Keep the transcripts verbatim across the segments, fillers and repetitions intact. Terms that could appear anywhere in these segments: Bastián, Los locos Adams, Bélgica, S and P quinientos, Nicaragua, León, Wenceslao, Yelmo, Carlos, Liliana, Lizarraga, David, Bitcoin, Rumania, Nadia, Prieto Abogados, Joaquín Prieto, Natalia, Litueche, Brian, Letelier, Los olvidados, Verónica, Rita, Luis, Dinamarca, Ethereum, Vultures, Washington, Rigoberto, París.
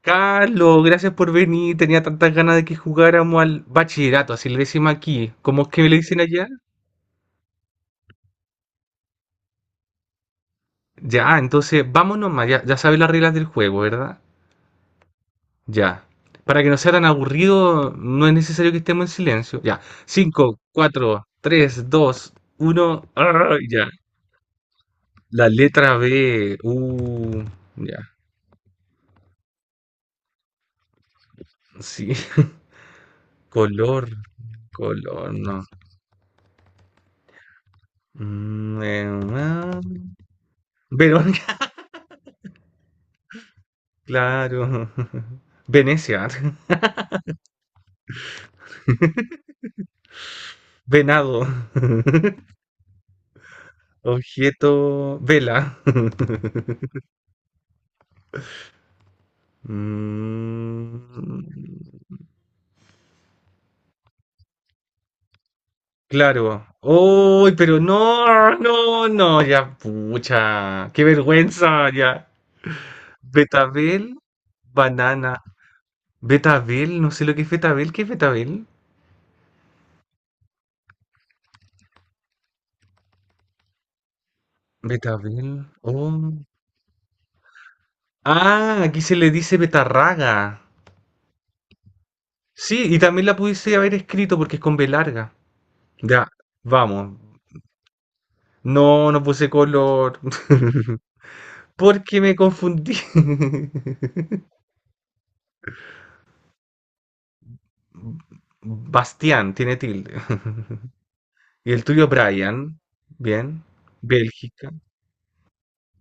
Carlos, gracias por venir. Tenía tantas ganas de que jugáramos al bachillerato, así le decimos aquí. ¿Cómo es que le dicen allá? Ya, entonces vámonos más. Ya, ya sabes las reglas del juego, ¿verdad? Ya. Para que no sea tan aburrido, no es necesario que estemos en silencio. Ya. Cinco, cuatro, tres, dos, uno. Ya. La letra B. Uh, ya. Sí. Color. Color, no. Mm, eh, ah. Verón. Claro. Venecia, venado, objeto, vela. Mm, claro. Uy, pero no, no, no, ya, pucha, qué vergüenza, ya. Betabel, banana. Betabel, no sé lo que es betabel, ¿qué es betabel? Betabel, oh. Ah, aquí se le dice betarraga. Sí, y también la pudiese haber escrito porque es con B larga. Ya, vamos. No, no puse color. Porque me confundí. Bastián tiene tilde. Y el tuyo, Brian. Bien. Bélgica.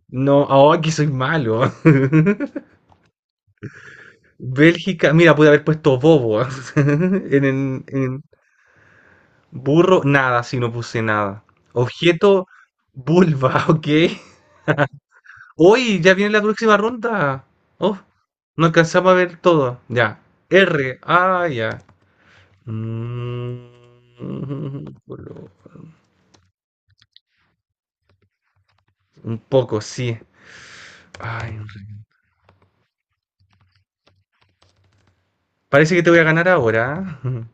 No, ahora que soy malo. Bélgica. Mira, pude haber puesto bobo. en, en- en burro, nada, si no puse nada. Objeto, vulva, ok. Hoy ya viene la próxima ronda. Oh, no alcanzamos a ver todo. Ya. R. Ah, ya. Mm, colo- un poco, sí. Ay, re- parece que te voy a ganar ahora. ¿Ah?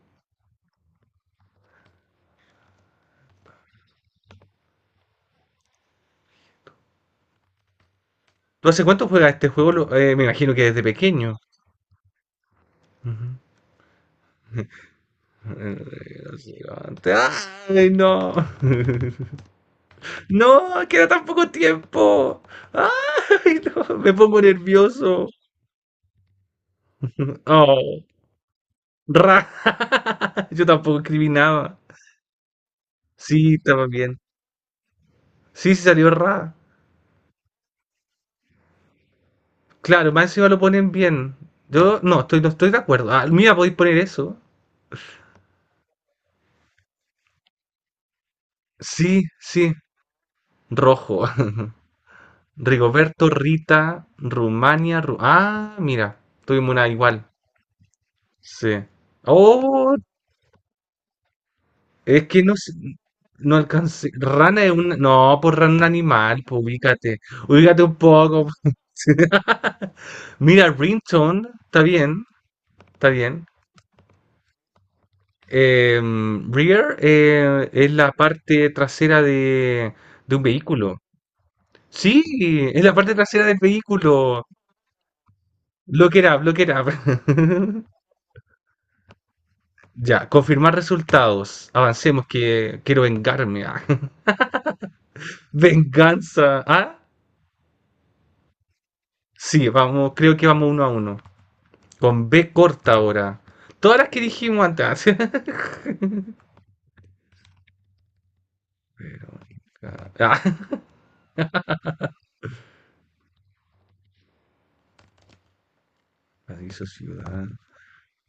¿Tú hace cuánto juegas este juego? Lo- eh, me imagino que desde pequeño. Ujú. Eh, los gigantes. ¡Ay, no! ¡No! ¡Queda tan poco tiempo! ¡Ay, no! Me pongo nervioso. ¡Oh! ¡Ra! Yo tampoco escribí nada. Sí, estaba bien. Sí, sí salió Ra. Claro, más encima lo ponen bien. Yo no, estoy, no estoy de acuerdo. Ah, mira, podéis poner eso. Sí, sí, rojo. Rigoberto, Rita, Rumania, Ru- Ah, mira, tuvimos una igual. Sí. Oh, es que no, sé- no alcancé. Rana es un, no, por rana un animal, pues ubícate. Ubícate un poco. Sí. Mira, ringtone, está bien, está bien. Em, rear eh, es la parte trasera de, de un vehículo. Sí, es la parte trasera del vehículo. Look it up, look it up. Ya, confirmar resultados. Avancemos, que quiero vengarme. Ah. Venganza. Ah, sí, vamos, creo que vamos uno a uno. Con B corta ahora. Todas las que dijimos antes. Ah, paraíso ciudad.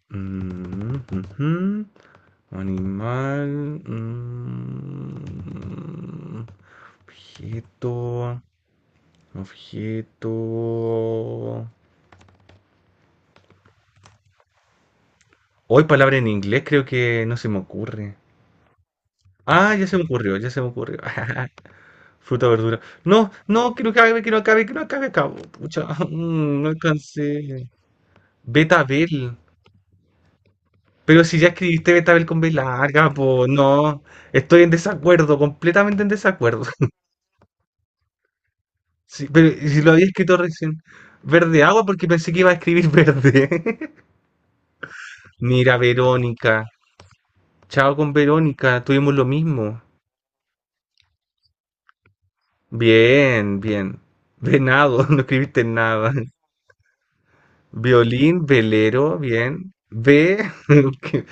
Mm, ujú. Animal. Mm, objeto. Objeto. Hoy palabra en inglés creo que no se me ocurre. Ah, ya se me ocurrió, ya se me ocurrió. Fruta, verdura. No, no, que no acabe, que no acabe, que no acabe, acabo. Pucha, mm, no alcancé. Betabel. Pero si ya escribiste Betabel con B larga, pues no. Estoy en desacuerdo, completamente en desacuerdo. Sí, pero ¿y si lo había escrito recién? Verde agua porque pensé que iba a escribir verde. Mira, Verónica. Chao con Verónica, tuvimos lo mismo. Bien, bien. Venado, no escribiste nada. Violín, velero, bien. Ve, que-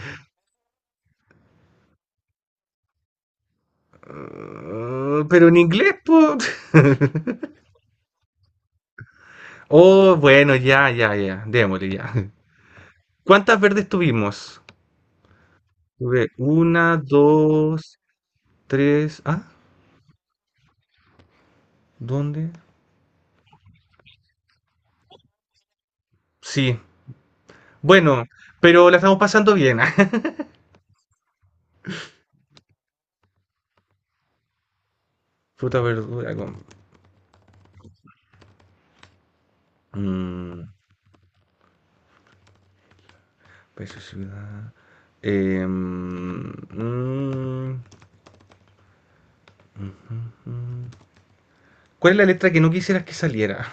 Ah, pero en inglés, po. Oh, bueno, ya, ya, ya. Démosle, ya. ¿Cuántas verdes tuvimos? Tuve una, dos, tres. ¿Ah? ¿Dónde? Sí. Bueno, pero la estamos pasando bien. Fruta, verdura, con. Mm, País o ciudad. Em, mm, ujú. ¿Cuál es la letra que no quisieras que saliera?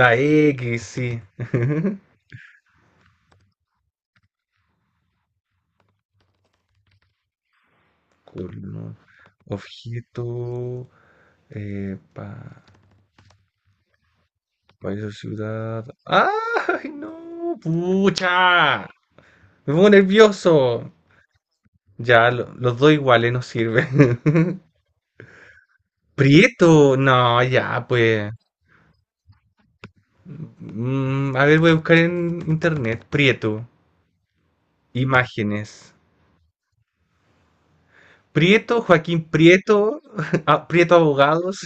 La X, sí. Colmo, objeto, eh, pa- país o ciudad. ¡Ay, no! ¡Pucha! Me pongo nervioso. Ya, lo- los dos iguales no sirve. Prieto, no, ya, pues. Mm, a ver, voy a buscar en internet. Prieto, imágenes. Prieto, Joaquín Prieto, ah, Prieto Abogados.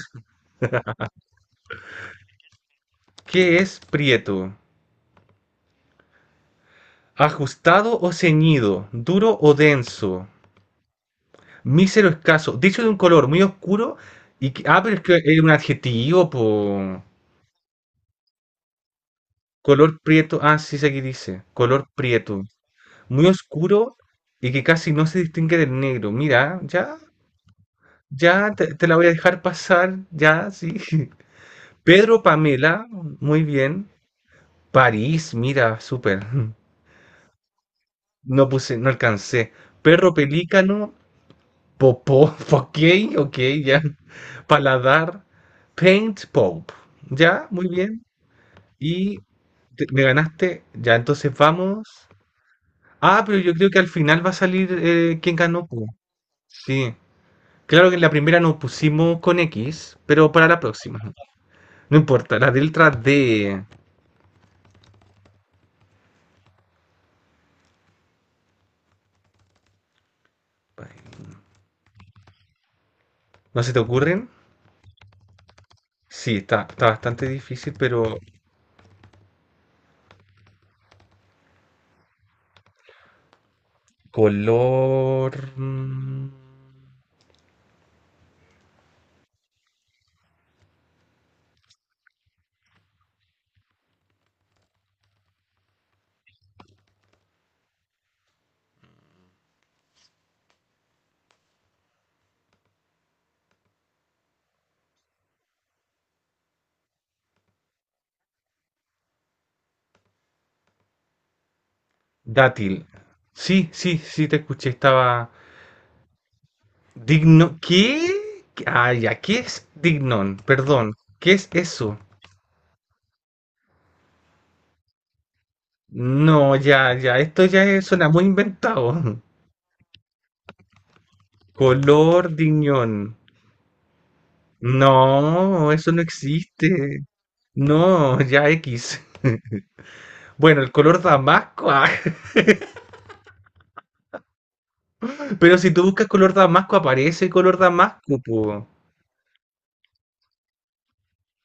¿Qué es Prieto? Ajustado o ceñido, duro o denso, mísero escaso, dicho de un color muy oscuro y que- ah, pero es que es un adjetivo, po. Color prieto, ah, sí, sé que dice, color prieto, muy oscuro y que casi no se distingue del negro. Mira, ya, ya te, te la voy a dejar pasar, ya, sí. Pedro Pamela, muy bien. París, mira, súper. No puse, no alcancé. Perro pelícano, Popó, ok, ok, ya. Paladar, Paint Pop, ya, muy bien. Y te- me ganaste, ya, entonces vamos. Ah, pero yo creo que al final va a salir eh, quién ganó, po. Sí, claro que en la primera nos pusimos con X, pero para la próxima. No importa, las letras D. ¿No se te ocurren? Sí, está, está bastante difícil, pero color mm, dátil. Sí, sí, sí, te escuché, estaba. Digno. ¿Qué? Ah, ya, ¿qué es dignón? Perdón, ¿qué es eso? No, ya, ya, esto ya es- suena muy inventado. Color dignón, no, eso no existe. No, ya X. Bueno, el color damasco. Ah, pero si tú buscas color damasco, aparece color damasco, po.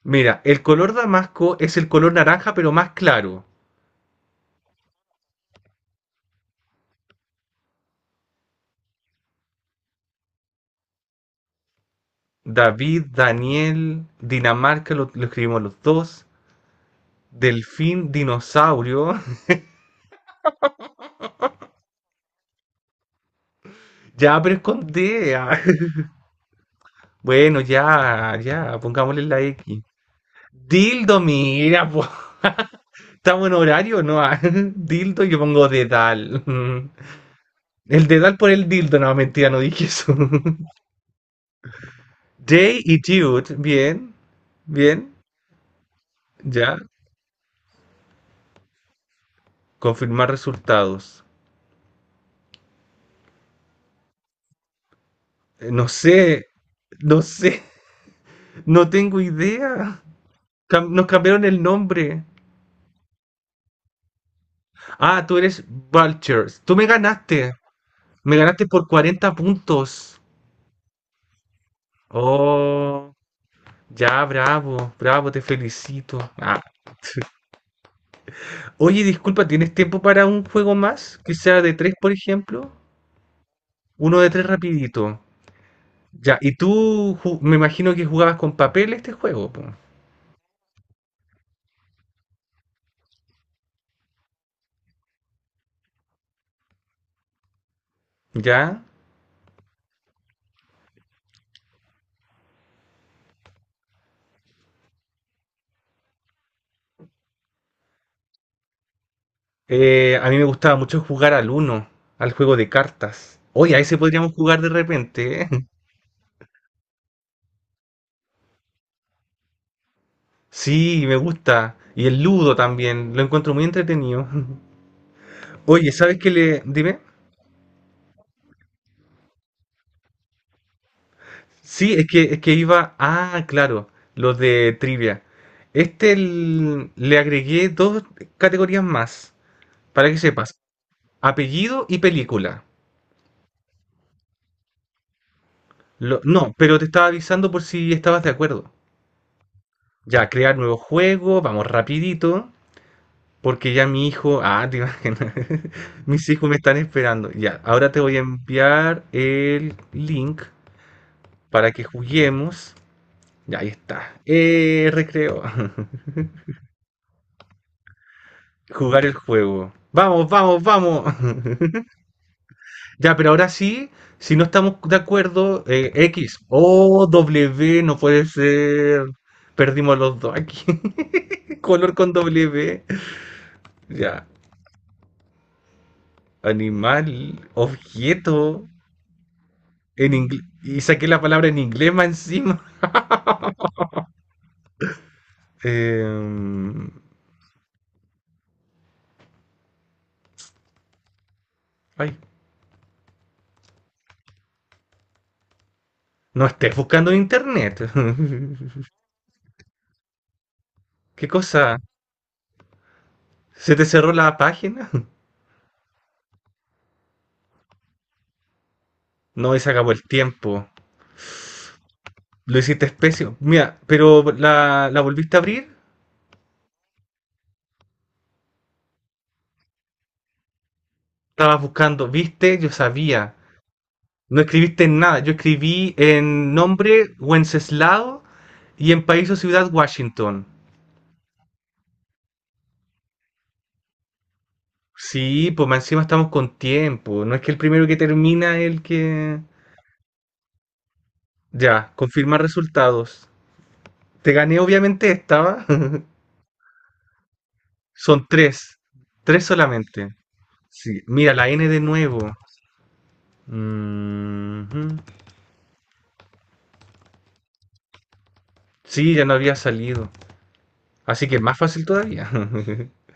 Mira, el color damasco es el color naranja, pero más claro. David, Daniel, Dinamarca, lo, lo escribimos los dos. Delfín, dinosaurio. Ya, pero es con D. Ah. Bueno, ya, ya, pongámosle la X. Dildo, mira, po. Estamos en horario, ¿no? Ah, Dildo, yo pongo dedal. El dedal por el dildo, no, mentira, no dije eso. Jay y Jude, bien, bien, ya. Confirmar resultados. Eh, No sé, no sé, no tengo idea. Cam- Nos cambiaron el nombre. Ah, tú eres Vultures. Tú me ganaste. Me ganaste por cuarenta puntos. Oh, ya, bravo, bravo, te felicito. Ah, oye, disculpa, ¿tienes tiempo para un juego más? Que sea de tres, por ejemplo. Uno de tres rapidito. Ya, y tú ju- me imagino que jugabas con papel este juego, po. Ya. Eh, a mí me gustaba mucho jugar al uno, al juego de cartas. Oye, a ese podríamos jugar de repente, ¿eh? Sí, me gusta. Y el ludo también, lo encuentro muy entretenido. Oye, ¿sabes qué le? Dime. Sí, es que, es que iba. Ah, claro, los de trivia. Este l- le agregué dos categorías más, para que sepas. Apellido y película. Lo- no, pero te estaba avisando por si estabas de acuerdo. Ya, crear nuevo juego, vamos rapidito, porque ya mi hijo. Ah, te imaginas. Mis hijos me están esperando. Ya, ahora te voy a enviar el link para que juguemos. Ya, ahí está. Eh, recreo. Jugar el juego. Vamos, vamos, vamos. Ya, pero ahora sí, si no estamos de acuerdo, eh, X o W, no puede ser. Perdimos los dos aquí. Color con W. Ya, animal, objeto, en inglés. Y saqué la palabra en inglés más encima. Em, Ay, no estés buscando en internet. ¿Qué cosa? ¿Se te cerró la página? No, y se acabó el tiempo. Lo hiciste especio. Mira, pero la, la volviste a abrir. Estabas buscando, viste, yo sabía. No escribiste en nada. Yo escribí en nombre Wenceslao y en país o ciudad Washington. Sí, pues más encima estamos con tiempo. No es que el primero que termina es el que. Ya, confirma resultados. Te gané, obviamente, estaba. Son tres. Tres solamente. Sí, mira, la N de nuevo. Mhm. Sí, ya no había salido. Así que es más fácil todavía.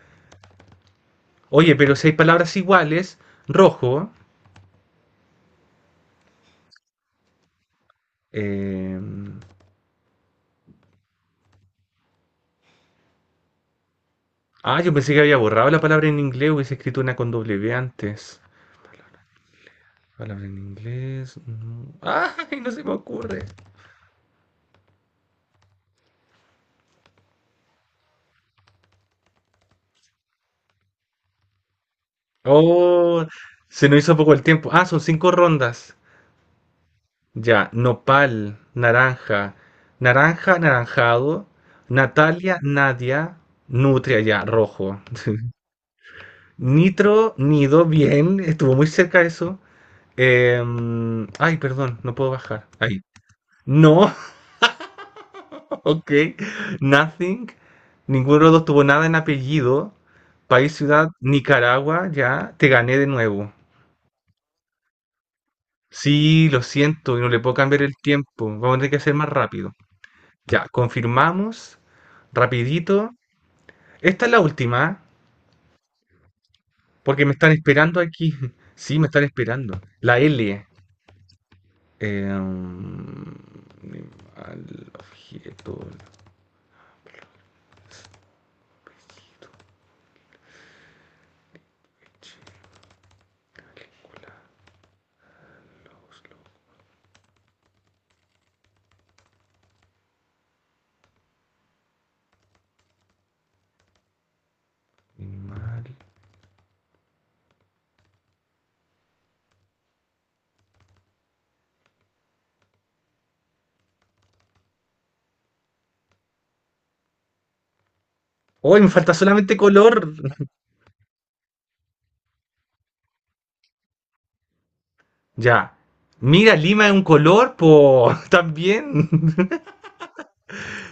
Oye, pero si hay palabras iguales, rojo. eh, Ah, yo pensé que había borrado la palabra en inglés, hubiese escrito una con W antes. Palabra en inglés. No. ¡Ay, no se me ocurre! Oh, se nos hizo poco el tiempo. Ah, son cinco rondas. Ya, nopal, naranja, naranja, anaranjado, Natalia, Nadia, nutria, ya, rojo. Nitro, nido, bien, estuvo muy cerca eso. Em, ay, perdón, no puedo bajar. Ahí. No, ok. Nothing. Ninguno de los dos tuvo nada en apellido. País, ciudad, Nicaragua, ya. Te gané de nuevo. Sí, lo siento, y no le puedo cambiar el tiempo. Vamos a tener que hacer más rápido. Ya, confirmamos. Rapidito. Esta es la última, porque me están esperando aquí. Sí, me están esperando. La L. Em, Animal, objeto, animal. Hoy me falta solamente color. Ya. Mira, Lima es un color, po. También.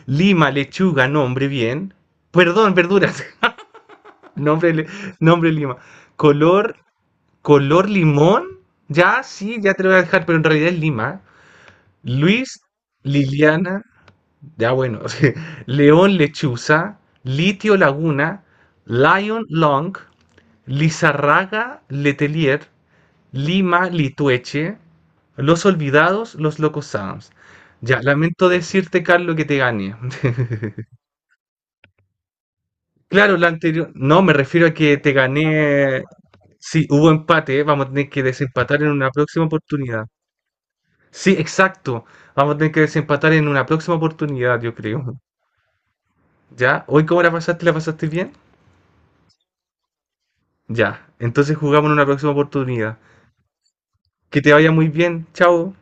Lima, lechuga, nombre, bien. Perdón, verduras. nombre, le- nombre Lima. Color, color limón. Ya, sí, ya te lo voy a dejar, pero en realidad es Lima. Luis, Liliana. Ya, bueno. Sí. León, lechuza. Litio, laguna. Lion, long. Lizarraga, Letelier. Lima, Litueche. Los olvidados, los locos Adams. Ya, lamento decirte, Carlos, que te gané. Claro, la anterior. No, me refiero a que te gané. Sí, hubo empate, ¿eh? Vamos a tener que desempatar en una próxima oportunidad. Sí, exacto. Vamos a tener que desempatar en una próxima oportunidad, yo creo. ¿Ya? ¿Hoy cómo la pasaste? ¿La pasaste bien? Ya. Entonces jugamos en una próxima oportunidad. Que te vaya muy bien. Chao.